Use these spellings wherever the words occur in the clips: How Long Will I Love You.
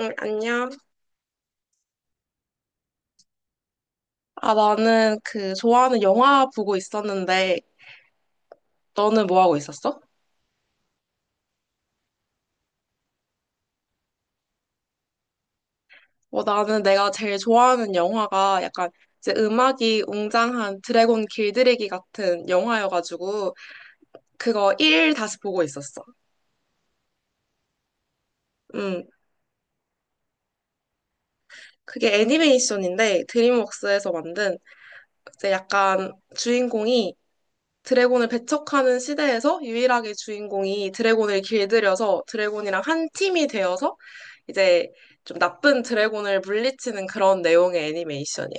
응, 안녕. 아, 나는 그 좋아하는 영화 보고 있었는데, 너는 뭐 하고 있었어? 어, 나는 내가 제일 좋아하는 영화가 약간 이제 음악이 웅장한 드래곤 길들이기 같은 영화여가지고, 그거 1 다시 보고 있었어. 음, 그게 애니메이션인데, 드림웍스에서 만든 이제 약간 주인공이 드래곤을 배척하는 시대에서 유일하게 주인공이 드래곤을 길들여서 드래곤이랑 한 팀이 되어서 이제 좀 나쁜 드래곤을 물리치는 그런 내용의 애니메이션이야.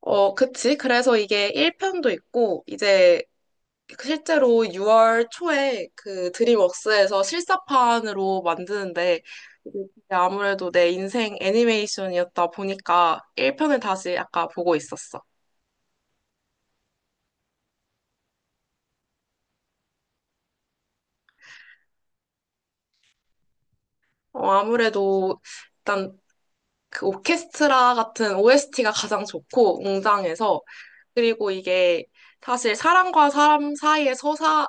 어, 그치. 그래서 이게 1편도 있고, 이제 실제로 6월 초에 그 드림웍스에서 실사판으로 만드는데, 이게 아무래도 내 인생 애니메이션이었다 보니까 1편을 다시 아까 보고 있었어. 어, 아무래도 일단 그 오케스트라 같은 OST가 가장 좋고, 웅장해서. 그리고 이게 사실 사람과 사람 사이의 서사는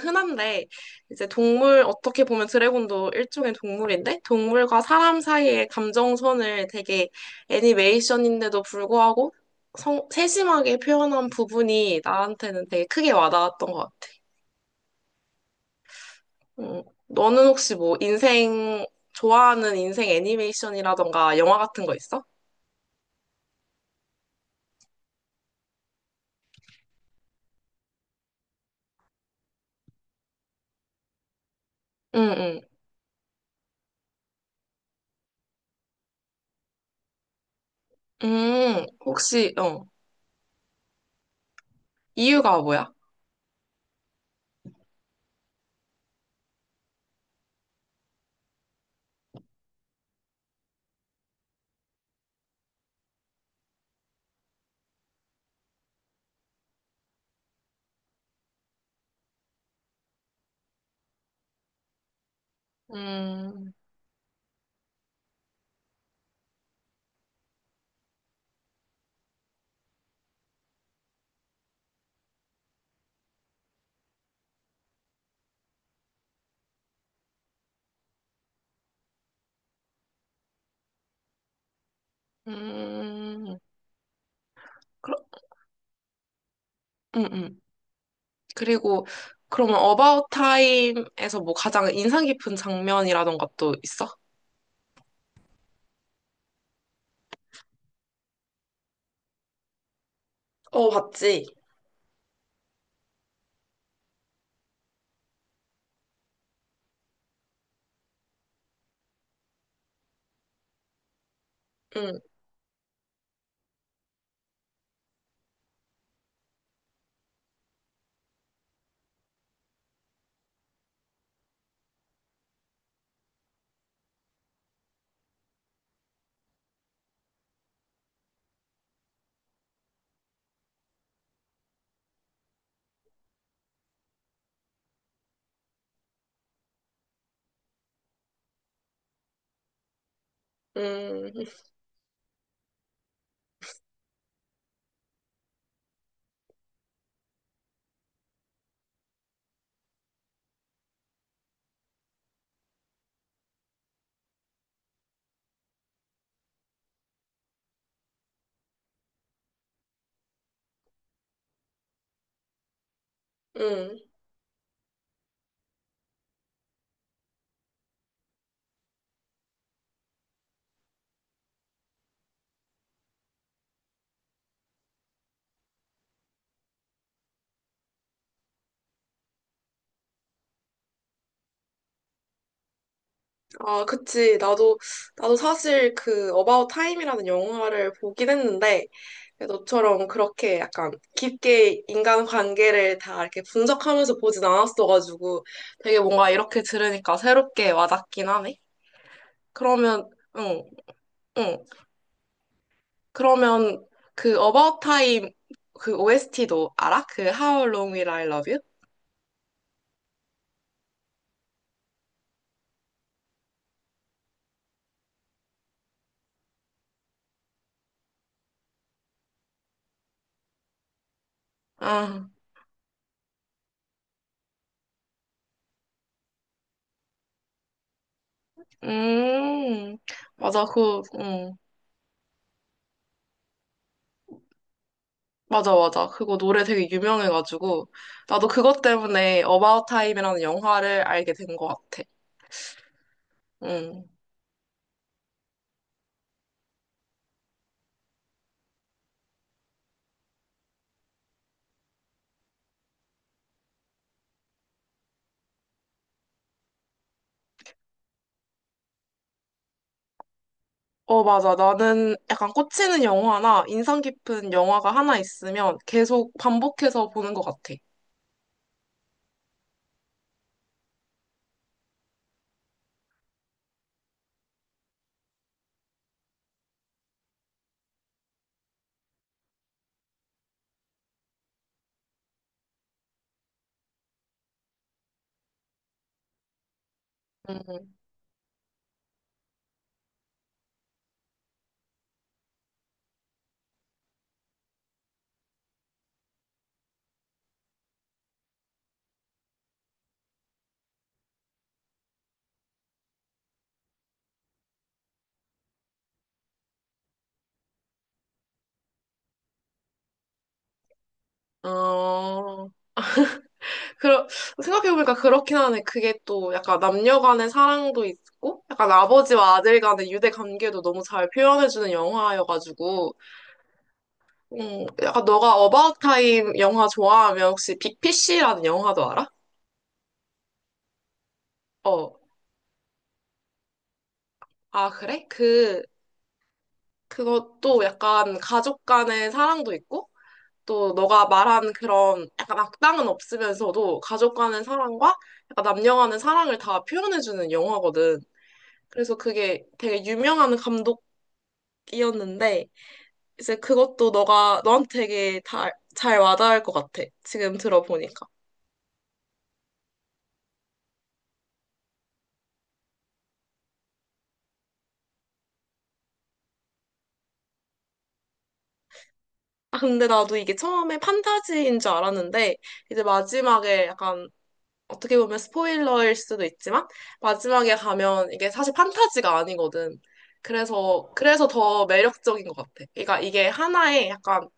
흔한데, 이제 동물, 어떻게 보면 드래곤도 일종의 동물인데, 동물과 사람 사이의 감정선을 되게 애니메이션인데도 불구하고 세심하게 표현한 부분이 나한테는 되게 크게 와닿았던 것 같아. 너는 혹시 뭐 인생, 좋아하는 인생 애니메이션이라던가 영화 같은 거 있어? 응, 응. 혹시, 어, 이유가 뭐야? 음, 음, 그럼, 음, 음. 그리고, 그러면 어바웃 타임에서 뭐 가장 인상 깊은 장면이라던가 또 있어? 어, 봤지. 응, 응. 응. 아, 그치. 나도, 나도 사실 그 어바웃 타임이라는 영화를 보긴 했는데, 너처럼 그렇게 약간 깊게 인간 관계를 다 이렇게 분석하면서 보진 않았어가지고, 되게 뭔가 이렇게 들으니까 새롭게 와닿긴 하네. 그러면, 응, 응. 그러면 그 About Time 그 OST도 알아? 그 How Long Will I Love You? 아, 음, 맞아, 그, 맞아, 맞아. 그거 노래 되게 유명해가지고 나도 그것 때문에 About Time이라는 영화를 알게 된 것 같아. 음. 어, 맞아. 나는 약간 꽂히는 영화나 인상 깊은 영화가 하나 있으면 계속 반복해서 보는 것 같아. 음. 어... 그러, 생각해보니까 그렇긴 하네. 그게 또 약간 남녀 간의 사랑도 있고, 약간 아버지와 아들 간의 유대 관계도 너무 잘 표현해주는 영화여가지고, 약간 너가 어바웃 타임 영화 좋아하면 혹시 BPC라는 영화도 알아? 어, 아, 그래? 그, 그것도 약간 가족 간의 사랑도 있고, 또 너가 말한 그런 약간 악당은 없으면서도 가족 간의 사랑과 약간 남녀 간의 사랑을 다 표현해주는 영화거든. 그래서 그게 되게 유명한 감독 이었는데 이제 그것도 너가 너한테 되게 다, 잘 와닿을 것 같아. 지금 들어보니까. 아, 근데 나도 이게 처음에 판타지인 줄 알았는데 이제 마지막에 약간 어떻게 보면 스포일러일 수도 있지만 마지막에 가면 이게 사실 판타지가 아니거든. 그래서 더 매력적인 것 같아. 그러니까 이게 하나의 약간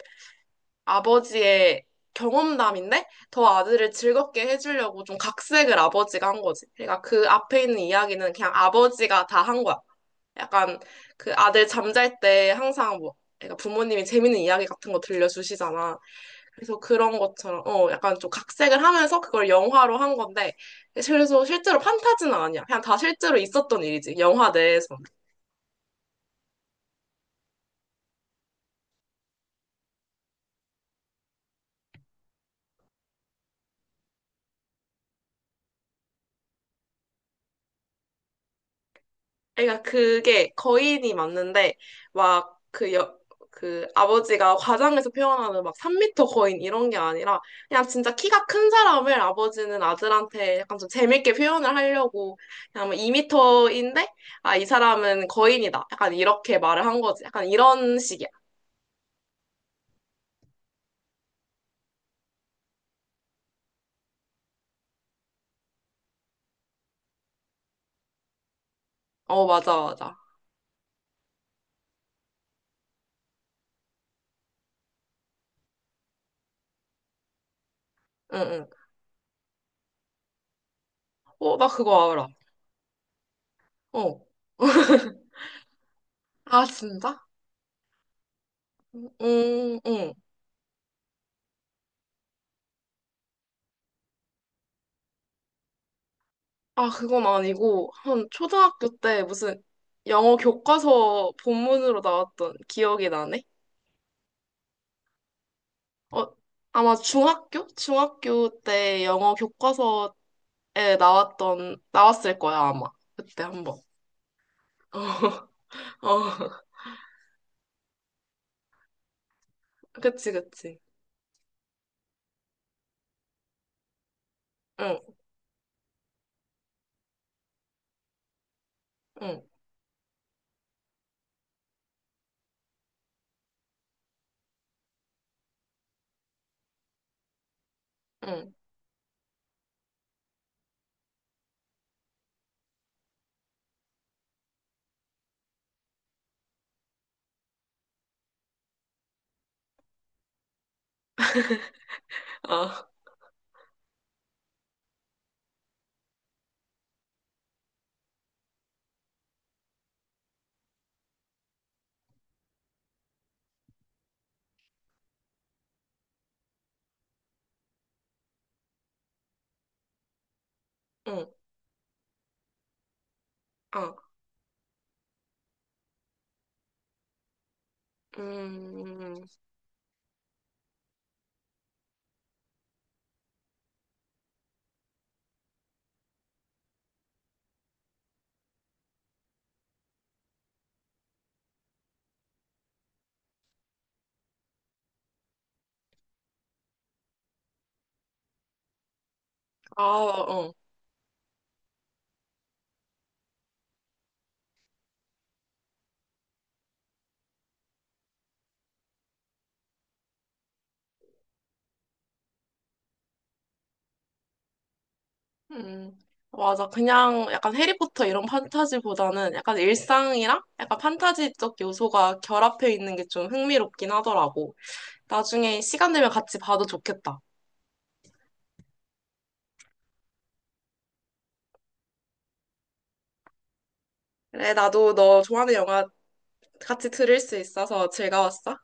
아버지의 경험담인데 더 아들을 즐겁게 해주려고 좀 각색을 아버지가 한 거지. 그러니까 그 앞에 있는 이야기는 그냥 아버지가 다 한 거야. 약간 그 아들 잠잘 때 항상 뭐 애가 부모님이 재밌는 이야기 같은 거 들려주시잖아. 그래서 그런 것처럼 어 약간 좀 각색을 하면서 그걸 영화로 한 건데 그래서 실제로 판타지는 아니야. 그냥 다 실제로 있었던 일이지. 영화 내에서. 그러니까 그게 거인이 맞는데 막 그 여, 그 아버지가 과장해서 표현하는 막 3미터 거인 이런 게 아니라 그냥 진짜 키가 큰 사람을 아버지는 아들한테 약간 좀 재밌게 표현을 하려고 그냥 뭐 2미터인데 아, 이 사람은 거인이다. 약간 이렇게 말을 한 거지. 약간 이런 식이야. 어, 맞아, 맞아. 응, 응. 어, 나 그거 알아. 어. 아, 진짜? 응, 응. 아, 그건 아니고, 한 초등학교 때 무슨 영어 교과서 본문으로 나왔던 기억이 나네? 어, 아마 중학교? 중학교 때 영어 교과서에 나왔을 거야, 아마. 그때 한 번. 어, 어, 그치, 그치. 응, 응, 응. 아, 응, 아, 음, 아, 어. 음, 맞아. 그냥 약간 해리포터 이런 판타지보다는 약간 일상이랑 약간 판타지적 요소가 결합해 있는 게 좀 흥미롭긴 하더라고. 나중에 시간 되면 같이 봐도 좋겠다. 그래, 나도 너 좋아하는 영화 같이 들을 수 있어서 즐거웠어.